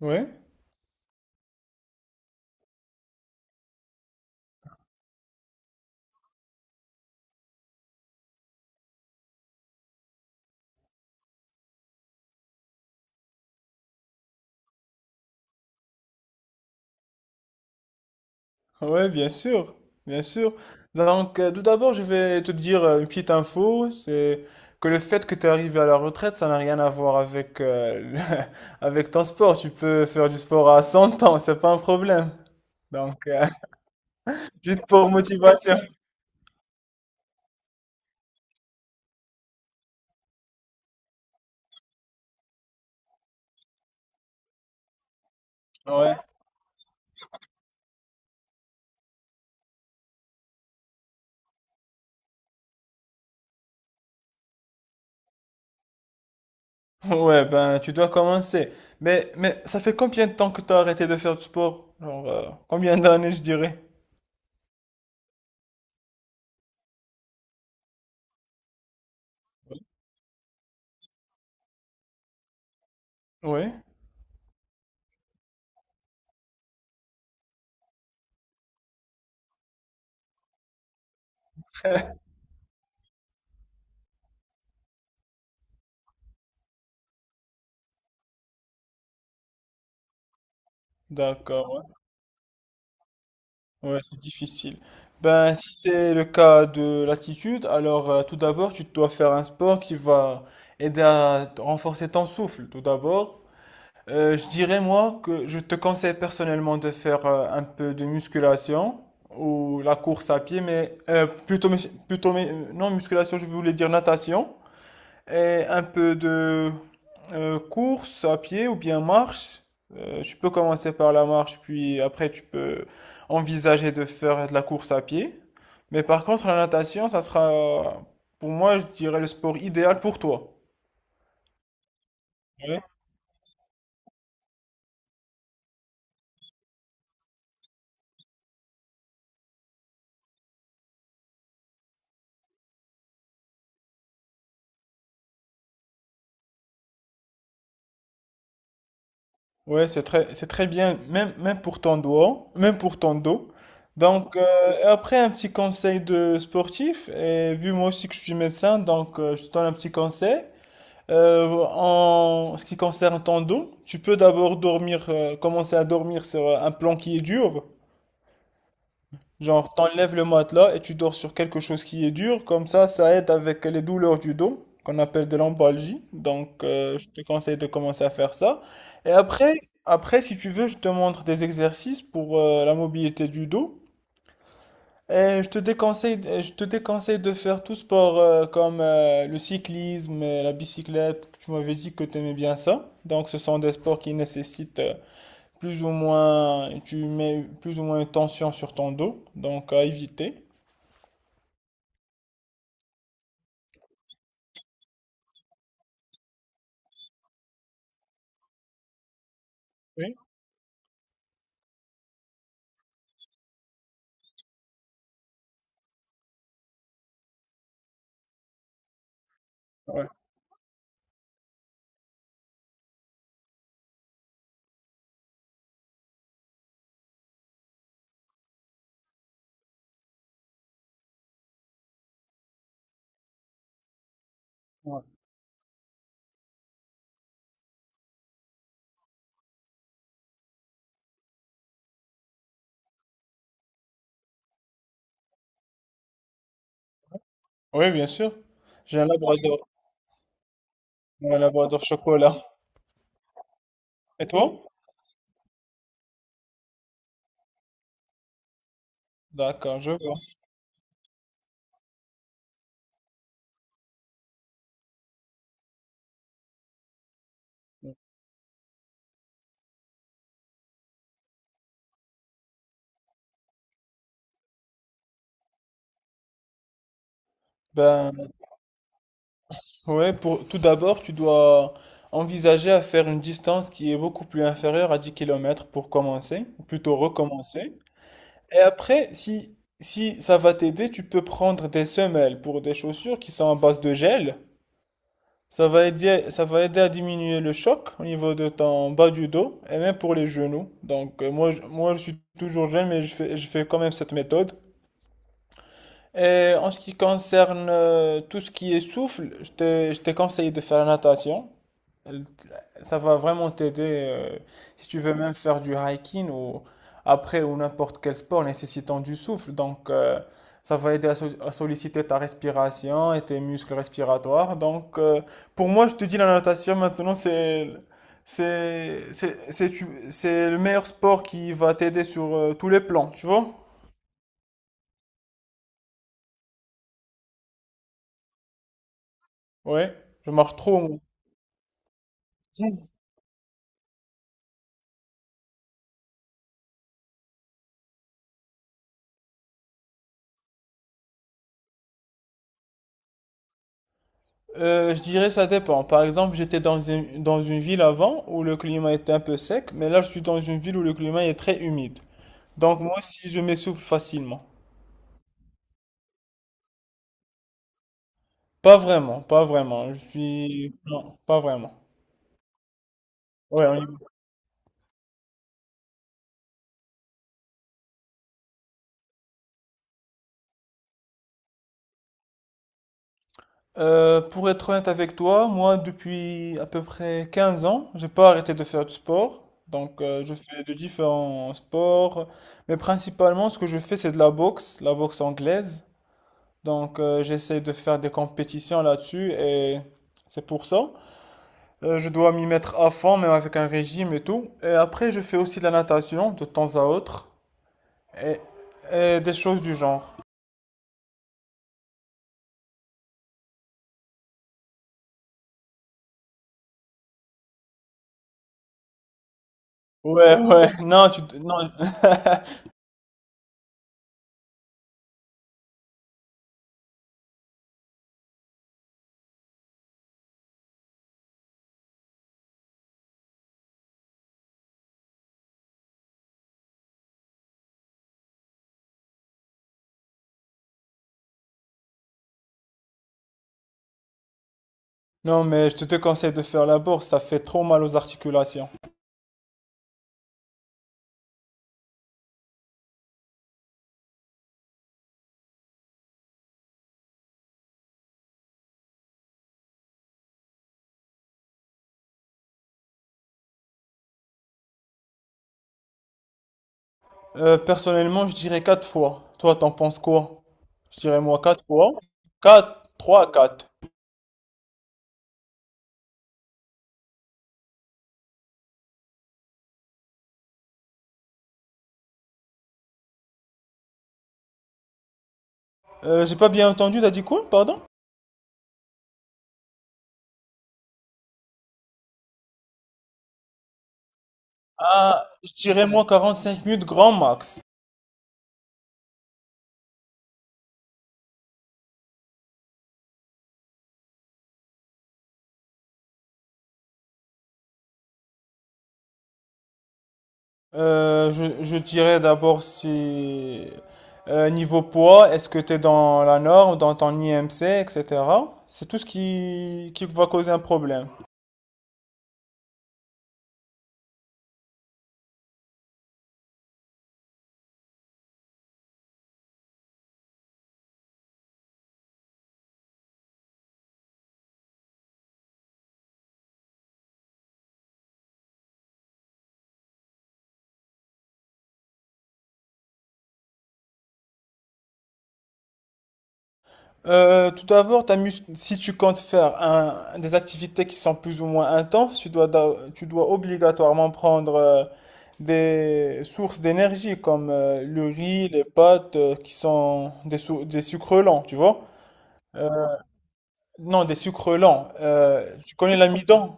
Ouais, ouais, bien sûr, bien sûr. Donc, tout d'abord, je vais te dire une petite info, c'est que le fait que tu es arrivé à la retraite, ça n'a rien à voir avec avec ton sport. Tu peux faire du sport à 100 ans, c'est pas un problème. Donc, juste pour motivation. Ouais. Ouais, ben, tu dois commencer. Mais ça fait combien de temps que tu as arrêté de faire du sport? Genre, combien d'années, je dirais? Oui, d'accord. Ouais, c'est difficile. Ben, si c'est le cas de l'attitude, alors tout d'abord, tu dois faire un sport qui va aider à renforcer ton souffle, tout d'abord. Je dirais, moi, que je te conseille personnellement de faire un peu de musculation ou la course à pied, mais plutôt, mus- plutôt, mais, non, musculation, je voulais dire natation. Et un peu de course à pied ou bien marche. Tu peux commencer par la marche, puis après tu peux envisager de faire de la course à pied. Mais par contre, la natation, ça sera, pour moi, je dirais le sport idéal pour toi. Ouais, ouais, c'est très bien, même, même pour ton dos, même pour ton dos. Donc, et après, un petit conseil de sportif, et vu moi aussi que je suis médecin, donc je te donne un petit conseil. En ce qui concerne ton dos, tu peux d'abord dormir, commencer à dormir sur un plan qui est dur. Genre, t'enlèves le matelas et tu dors sur quelque chose qui est dur. Comme ça aide avec les douleurs du dos, qu'on appelle de l'embalgie. Donc, je te conseille de commencer à faire ça. Et après, après, si tu veux, je te montre des exercices pour la mobilité du dos. Je te déconseille de faire tout sport comme le cyclisme, la bicyclette. Tu m'avais dit que tu aimais bien ça. Donc, ce sont des sports qui nécessitent plus ou moins, tu mets plus ou moins une tension sur ton dos. Donc, à éviter. Ouais. Oui, bien sûr. J'ai un labrador chocolat. Et toi? D'accord, je vois. Ben, ouais, pour, tout d'abord, tu dois envisager à faire une distance qui est beaucoup plus inférieure à 10 kilomètres pour commencer, ou plutôt recommencer. Et après, si ça va t'aider, tu peux prendre des semelles pour des chaussures qui sont en base de gel. Ça va aider à diminuer le choc au niveau de ton bas du dos et même pour les genoux. Donc, moi, je suis toujours jeune, mais je fais quand même cette méthode. Et en ce qui concerne tout ce qui est souffle, je te conseille de faire la natation. Elle- Ça va vraiment t'aider euh, si tu veux même faire du hiking ou après ou n'importe quel sport nécessitant du souffle. Donc, ça va aider à, à solliciter ta respiration et tes muscles respiratoires. Donc, pour moi, je te dis la natation maintenant, c'est le meilleur sport qui va t'aider sur tous les plans, tu vois? Ouais, je marche trop. Je dirais ça dépend. Par exemple, j'étais dans une ville avant où le climat était un peu sec, mais là je suis dans une ville où le climat est très humide. Donc moi aussi je m'essouffle facilement. Pas vraiment, pas vraiment. Je suis... Non, pas vraiment. Ouais, on y va. Pour être honnête avec toi, moi depuis à peu près 15 ans, j'ai pas arrêté de faire du sport. Donc je fais de différents sports, mais principalement ce que je fais c'est de la boxe anglaise. Donc, j'essaie de faire des compétitions là-dessus et c'est pour ça. Je dois m'y mettre à fond, même avec un régime et tout. Et après, je fais aussi de la natation de temps à autre et, et des choses du genre. Ouais, ouais, non, tu, non, non, mais je te conseille de faire la bourse, ça fait trop mal aux articulations. Personnellement, je dirais 4 fois. Toi, t'en penses quoi? Je dirais moi 4 fois. 4, 3, 4. J'ai pas bien entendu, t'as dit quoi, pardon? Ah, je dirais moi 45 minutes grand max. Euh, je dirais d'abord si niveau poids, est-ce que tu es dans la norme, dans ton IMC, etc. C'est tout ce qui va causer un problème. Tout d'abord, si tu comptes faire des activités qui sont plus ou moins intenses, tu dois obligatoirement prendre des sources d'énergie comme le riz, les pâtes, qui sont des sucres lents, tu vois? Non, des sucres lents. Tu connais l'amidon?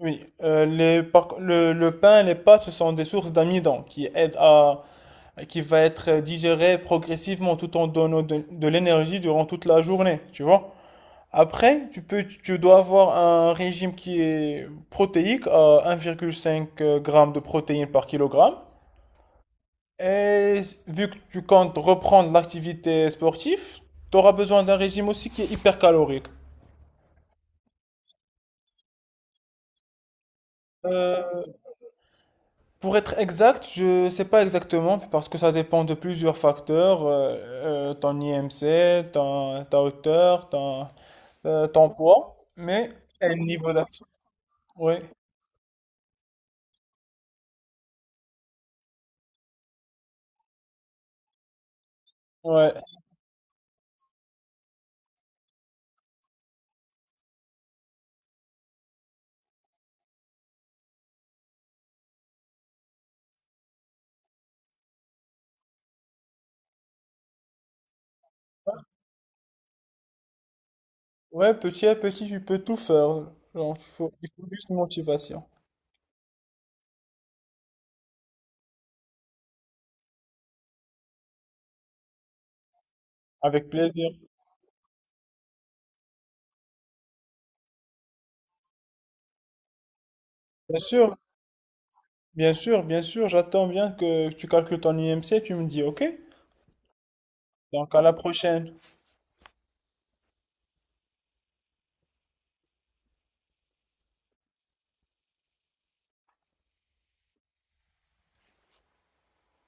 Oui. Le pain, les pâtes, ce sont des sources d'amidon qui aident à, qui va être digéré progressivement tout en donnant de l'énergie durant toute la journée, tu vois. Après, tu dois avoir un régime qui est protéique à 1,5 g de protéines par kilogramme. Et vu que tu comptes reprendre l'activité sportive, tu auras besoin d'un régime aussi qui est hypercalorique. Euh, Pour être exact, je ne sais pas exactement parce que ça dépend de plusieurs facteurs, ton IMC, ta hauteur, ton poids, mais et le niveau d'action. Oui, ouais. Ouais, petit à petit, tu peux tout faire. Genre, il faut juste une motivation. Avec plaisir. Bien sûr, bien sûr, bien sûr, j'attends bien que tu calcules ton IMC, tu me dis OK. Donc à la prochaine.